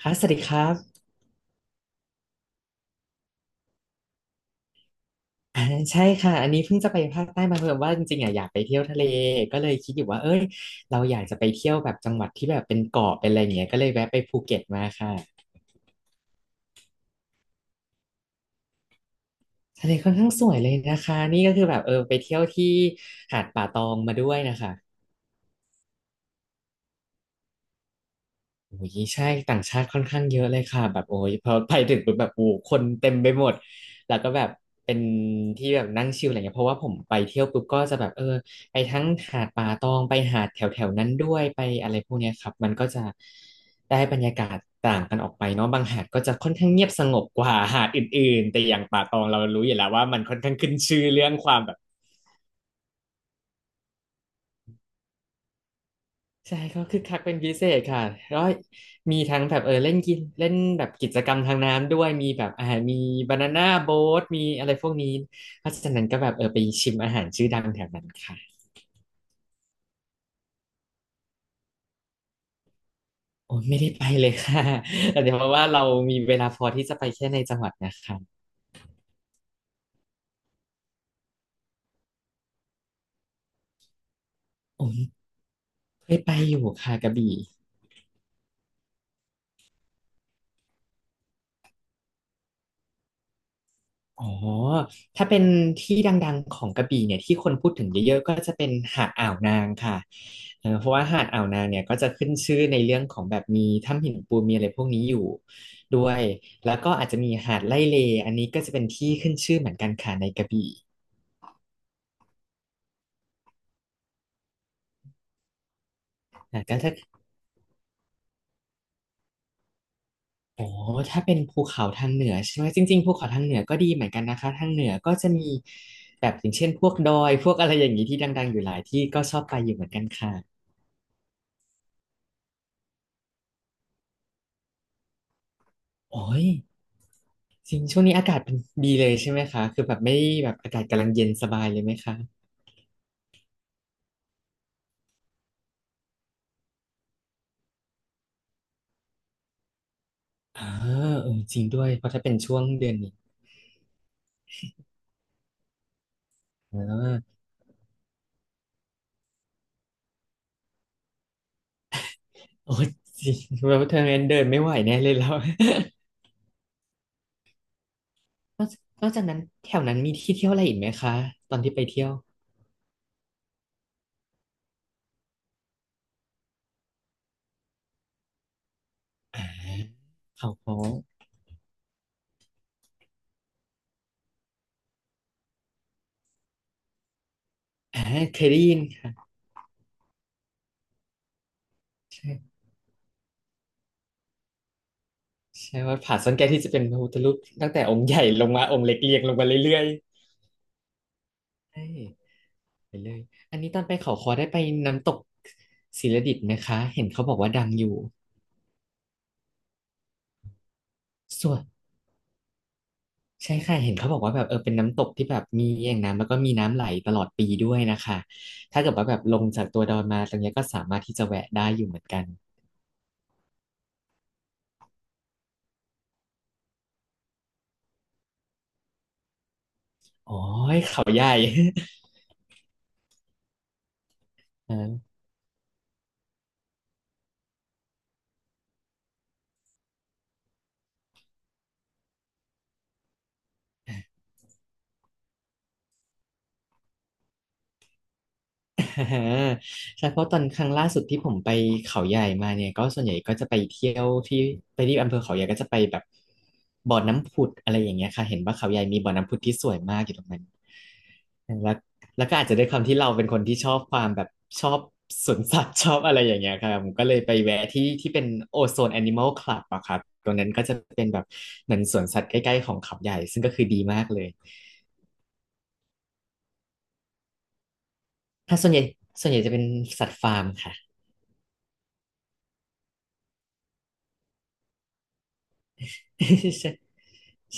ค่ะสวัสดีครับอ่าใช่ค่ะอันนี้เพิ่งจะไปภาคใต้มาเพิ่มว่าจริงๆอ่ะอยากไปเที่ยวทะเลก็เลยคิดอยู่ว่าเอ้ยเราอยากจะไปเที่ยวแบบจังหวัดที่แบบเป็นเกาะเป็นอะไรอย่างเงี้ยก็เลยแวะไปภูเก็ตมาค่ะทะเลค่อนข้างสวยเลยนะคะนี่ก็คือแบบไปเที่ยวที่หาดป่าตองมาด้วยนะคะ โอ้ยใช่ต่างชาติค่อนข้างเยอะเลยค่ะแบบโอ้ยพอไปถึงปุ๊บแบบโอ้คนเต็มไปหมดแล้วก็แบบเป็นที่แบบนั่งชิลอะไรเงี้ยเพราะว่าผมไปเที่ยวปุ๊บก็จะแบบไปทั้งหาดป่าตองไปหาดแถวแถวนั้นด้วยไปอะไรพวกเนี้ยครับมันก็จะได้บรรยากาศต่างกันออกไปเนาะบางหาดก็จะค่อนข้างเงียบสงบกว่าหาดอื่นๆแต่อย่างป่าตองเรารู้อยู่แล้วว่ามันค่อนข้างขึ้นชื่อเรื่องความแบบ ใช่ก็คึกคักเป็นพิเศษค่ะแล้วมีทั้งแบบเล่นกินเล่นแบบกิจกรรมทางน้ำด้วยมีแบบอาหารมีบานาน่าโบ๊ทมีอะไรพวกนี้เพราะฉะนั้นก็แบบไปชิมอาหารชื่อดังแถวนั้นค่ะโอ้ยไม่ได้ไปเลยค่ะ แต่เดี๋ยวเพราะว่าเรามีเวลาพอที่จะไปแค่ในจังหวัดนะคะโอ้ยเคยไปอยู่ค่ะกระบี่ อ๋อ ถ้าเป็นที่ดังๆของกระบี่เนี่ยที่คนพูดถึงเยอะๆก็จะเป็นหาดอ่าวนางค่ะเพราะว่าหาดอ่าวนางเนี่ยก็จะขึ้นชื่อในเรื่องของแบบมีถ้ำหินปูนมีอะไรพวกนี้อยู่ด้วย แล้วก็อาจจะมีหาดไร่เลอันนี้ก็จะเป็นที่ขึ้นชื่อเหมือนกันค่ะในกระบี่อ่ะก็ถ้าโอ้ถ้าเป็นภูเขาทางเหนือใช่ไหม จริงๆภูเขาทางเหนือก็ดีเหมือนกันนะคะ ทางเหนือก็จะมีแบบอย่างเช่นพวกดอยพวกอะไรอย่างนี้ที่ดังๆอยู่หลายที่ก็ชอบไปอยู่เหมือนกันค่ะโอ้ย จริงช่วงนี้อากาศเป็นดีเลยใช่ไหมคะ คือแบบไม่แบบอากาศกำลังเย็นสบายเลยไหมคะอ่าเออจริงด้วย เพราะถ้าเป็นช่วงเดือนนี้อ่าโอ้จริง แล้วเธอนั้นเดินไม่ไหวแน่เลยแล้ว นอกนอกจากนั้นแถวนั้นมีที่เที่ยวอะไรอีกไหมคะตอนที่ไปเที่ยวอ่าเขาโค้งอ่าเคยได้ยินค่ะใช่ใช่ว่าผาซ่อนแก้วที่จะเป็นพระพุทธรูปตั้งแต่องค์ใหญ่ลงมาองค์เล็กเรียงลงมาเรื่อยๆใช่ ไปเลยอันนี้ตอนไปเขาคอได้ไปน้ำตกศิลดิษฐ์ไหมคะ เห็นเขาบอกว่าดังอยู่ ส่วนใช่ค่ะ เห็นเขาบอกว่าแบบเป็นน้ำตกที่แบบมีแอ่งน้ำแล้วก็มีน้ำไหลตลอดปีด้วยนะคะ ถ้าเกิดว่าแบบลงจากตัวดอยมาตรงเนี้ยก็สามารถที่จะแวะได้อยู่เหมือนกัน อ๋อยเขาใหญ่ เออ อ่าใช่เพราะตอนครั้งล่าสุดที่ผมไปเขาใหญ่มาเนี่ยก็ส่วนใหญ่ก็จะไปเที่ยวที่ไปที่อำเภอเขาใหญ่ก็จะไปแบบบ่อน้ำผุดอะไรอย่างเงี้ยค่ะเห็นว่าเขาใหญ่มีบ่อน้ำผุดที่สวยมากอยู่ตรงนั้นแล้วแล้วก็อาจจะด้วยความที่เราเป็นคนที่ชอบความแบบชอบสวนสัตว์ชอบอะไรอย่างเงี้ยค่ะผมก็เลยไปแวะที่ที่เป็นโอโซนแอนิมอลคลับอะครับตรงนั้นก็จะเป็นแบบเหมือนสวนสัตว์ใกล้ๆของเขาใหญ่ซึ่งก็คือดีมากเลยถ้าส่วนใหญ่จะเป็นสัตว์ฟาร์มค่ะ ใช่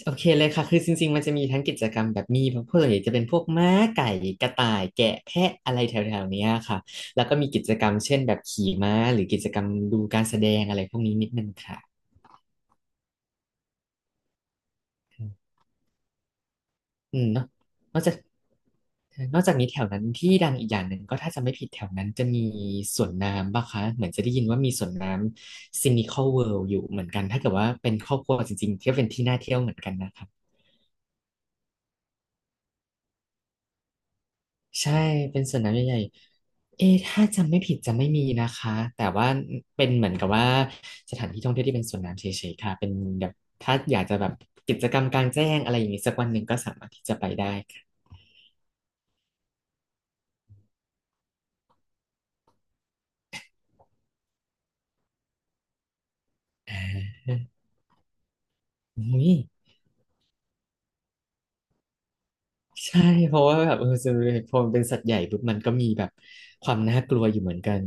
โอเคเลยค่ะ คือจริงๆ มันจะมีทั้งกิจกรรมแบบมีพวกส่วนใหญ่จะเป็นพวกม้าไก่กระต่ายแกะแพะอะไรแถวๆเนี้ยค่ะแล้วก็มีกิจกรรมเช่นแบบขี่ม้าหรือกิจกรรมดูการแสดงอะไรพวกนี้นิดนึงค่ะอืมเนาะนอกจากนอกจากนี้แถวนั้นที่ดังอีกอย่างหนึ่งก็ถ้าจะไม่ผิดแถวนั้นจะมีสวนน้ำป่ะคะเหมือนจะได้ยินว่ามีสวนน้ำซินิคอลเวิลด์อยู่เหมือนกันถ้าเกิดว่าเป็นครอบครัวจริงๆก็เป็นที่น่าเที่ยวเหมือนกันนะคะ ใช่เป็นสวนน้ำใหญ่ๆเอ๊ะถ้าจำไม่ผิดจะไม่มีนะคะแต่ว่าเป็นเหมือนกับว่าสถานที่ท่องเที่ยวที่เป็นสวนน้ำเฉยๆค่ะเป็นแบบถ้าอยากจะแบบกิจกรรมกลางแจ้งอะไรอย่างนี้สักวันหนึ่งก็สามารถที่จะไปได้ค่ะอ่าอุ้ยใช่เพราะว่าแบบพอมันเป็นสัตว์ใหญ่ปุ๊บมันก็มีแบบความน่ากลัวอยู่เหมือนกัน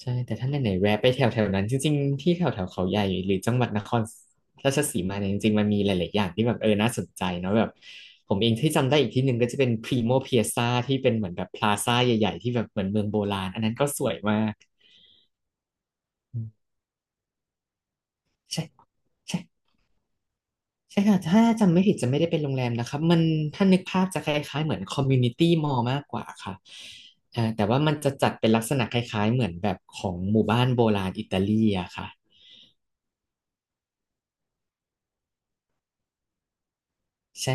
ใช่แต่ถ้าไหนๆแวะไปแถวแถวนั้นจริงๆที่แถวแถวเขาใหญ่หรือจังหวัดนครราชสีมาเนี่ยจริงๆมันมีหลายๆอย่างที่แบบน่าสนใจเนาะแบบผมเองที่จำได้อีกที่หนึ่งก็จะเป็นพรีโมเพียซาที่เป็นเหมือนแบบพลาซ่าใหญ่ๆที่แบบเหมือนเมืองโบราณอันนั้นก็สวยมากอืมใช่ใช่ใช่ค่ะถ้าจำไม่ผิดจะไม่ได้เป็นโรงแรมนะครับมันถ้านึกภาพจะคล้ายๆเหมือนคอมมูนิตี้มอลล์มากกว่าค่ะแต่ว่ามันจะจัดเป็นลักษณะคล้ายๆเหมือนแบบของหมู่บ้านโบราณอิตาลีอะค่ะ ใช่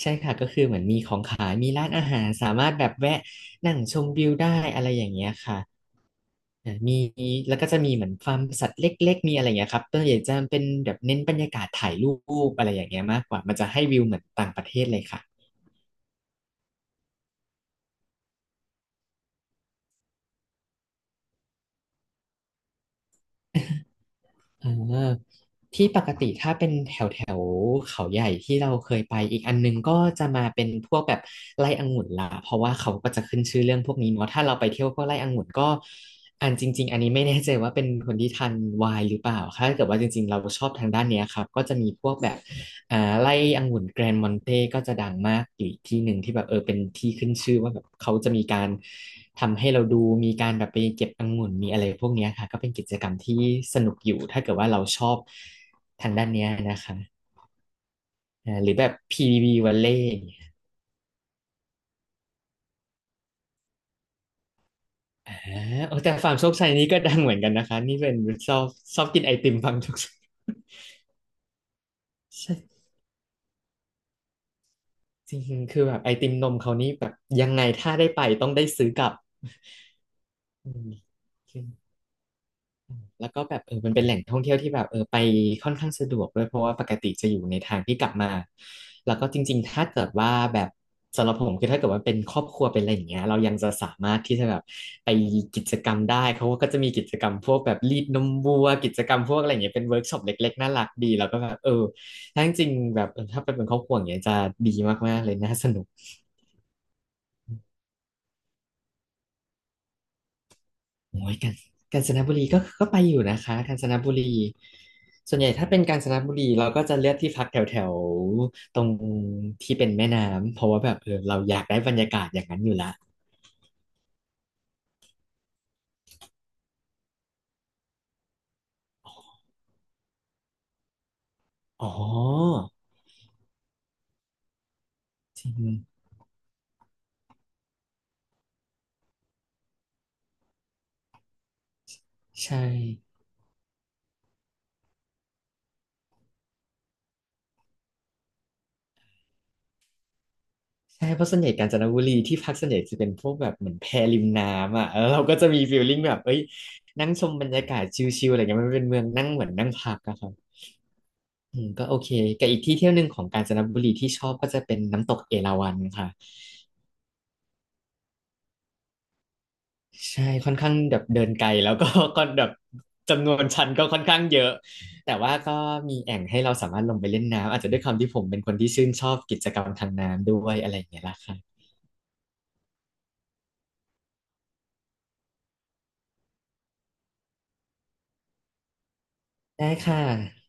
ใช่ค่ะก็คือเหมือนมีของขายมีร้านอาหารสามารถแบบแวะนั่งชมวิวได้อะไรอย่างเงี้ยค่ะเออมีแล้วก็จะมีเหมือนฟาร์มสัตว์เล็กๆมีอะไรอย่างเงี้ยครับตัวใหญ่จะเป็นแบบเน้นบรรยากาศถ่ายรูปอะไรอย่างเงี้ยมากกว่ามันจะให้วิวเหมือนต่างประเทศเลยค่ะ อ่าที่ปกติถ้าเป็นแถวแถวเขาใหญ่ที่เราเคยไปอีกอันนึงก็จะมาเป็นพวกแบบไร่องุ่นละเพราะว่าเขาก็จะขึ้นชื่อเรื่องพวกนี้เนาะถ้าเราไปเที่ยวพวกไร่องุ่นก็อันจริงๆอันนี้ไม่แน่ใจว่าเป็นคนที่ทานไวน์หรือเปล่าถ้าเกิดว่าจริงๆเราชอบทางด้านเนี้ยครับก็จะมีพวกแบบ อ่าไร่องุ่นแกรนด์มอนเต้ก็จะดังมากอยู่อีกที่หนึ่งที่แบบเป็นที่ขึ้นชื่อว่าแบบเขาจะมีการทำให้เราดูมีการแบบไปเก็บองุ่นมีอะไรพวกเนี้ยค่ะก็เป็นกิจกรรมที่สนุกอยู่ถ้าเกิดว่าเราชอบทางด้านเนี้ยนะคะอ่าหรือแบบ PB วัลเล่อ่าโอ้แต่ฟาร์มโชคชัยนี้ก็ดังเหมือนกันนะคะนี่เป็นชอบชอบกินไอติมฟาร์มโชคชัยใช่ จริงๆคือแบบไอติมนมเขานี่แบบยังไงถ้าได้ไปต้องได้ซื้อกลับอืม แล้วก็แบบมันเป็นแหล่งท่องเที่ยวที่แบบไปค่อนข้างสะดวกด้วยเพราะว่าปกติจะอยู่ในทางที่กลับมาแล้วก็จริงๆถ้าเกิดว่าแบบสำหรับผมคือถ้าเกิดว่าเป็นครอบครัวเป็นอะไรอย่างเงี้ยเรายังจะสามารถที่จะแบบไปกิจกรรมได้เขาก็จะมีกิจกรรมพวกแบบรีดนมวัวกิจกรรมพวกอะไรอย่างเงี้ยเป็นเวิร์กช็อปเล็กๆน่ารักดีแล้วก็แบบถ้าจริงๆแบบถ้าไปเป็นครอบครัวอย่างเงี้ยจะดีมากๆเลยน่าสนุก โอ้ยกาญจนบุรีก็ไปอยู่นะคะกาญจนบุรีส่วนใหญ่ถ้าเป็นกาญจนบุรีเราก็จะเลือกที่พักแถวแถวตรงที่เป็นแม่น้ำเพราะว่าแบบเราอยากได้บรรยากาศอย่างนั้นอยู่ละอ๋อจริงใช่ใช่เพราะส่วนใหญ่กาญจนบุรีที่พักส่วนใหญ่จะเป็นพวกแบบเหมือนแพริมน้ำอ่ะแล้วเราก็จะมีฟีลลิ่งแบบเอ้ยนั่งชมบรรยากาศชิลๆอะไรเงี้ยมันเป็นเมืองนั่งเหมือนนั่งพักอะครับอืมก็โอเคกับอีกที่เที่ยวหนึ่งของกาญจนบุรีที่ชอบก็จะเป็นน้ำตกเอราวัณค่ะ ใช่ค่อนข้างแบบเดินไกลแล้วก็ ก็แบบจำนวนชั้นก็ค่อนข้างเยอะแต่ว่าก็มีแอ่งให้เราสามารถลงไปเล่นน้ำอาจจะด้วยความที่ผมเป็นคนที่ชื่นชอบกิจกรรมทางน้ำด้วยอะไรอย่างเงี้ยล่ะค่ะได้ค่ะ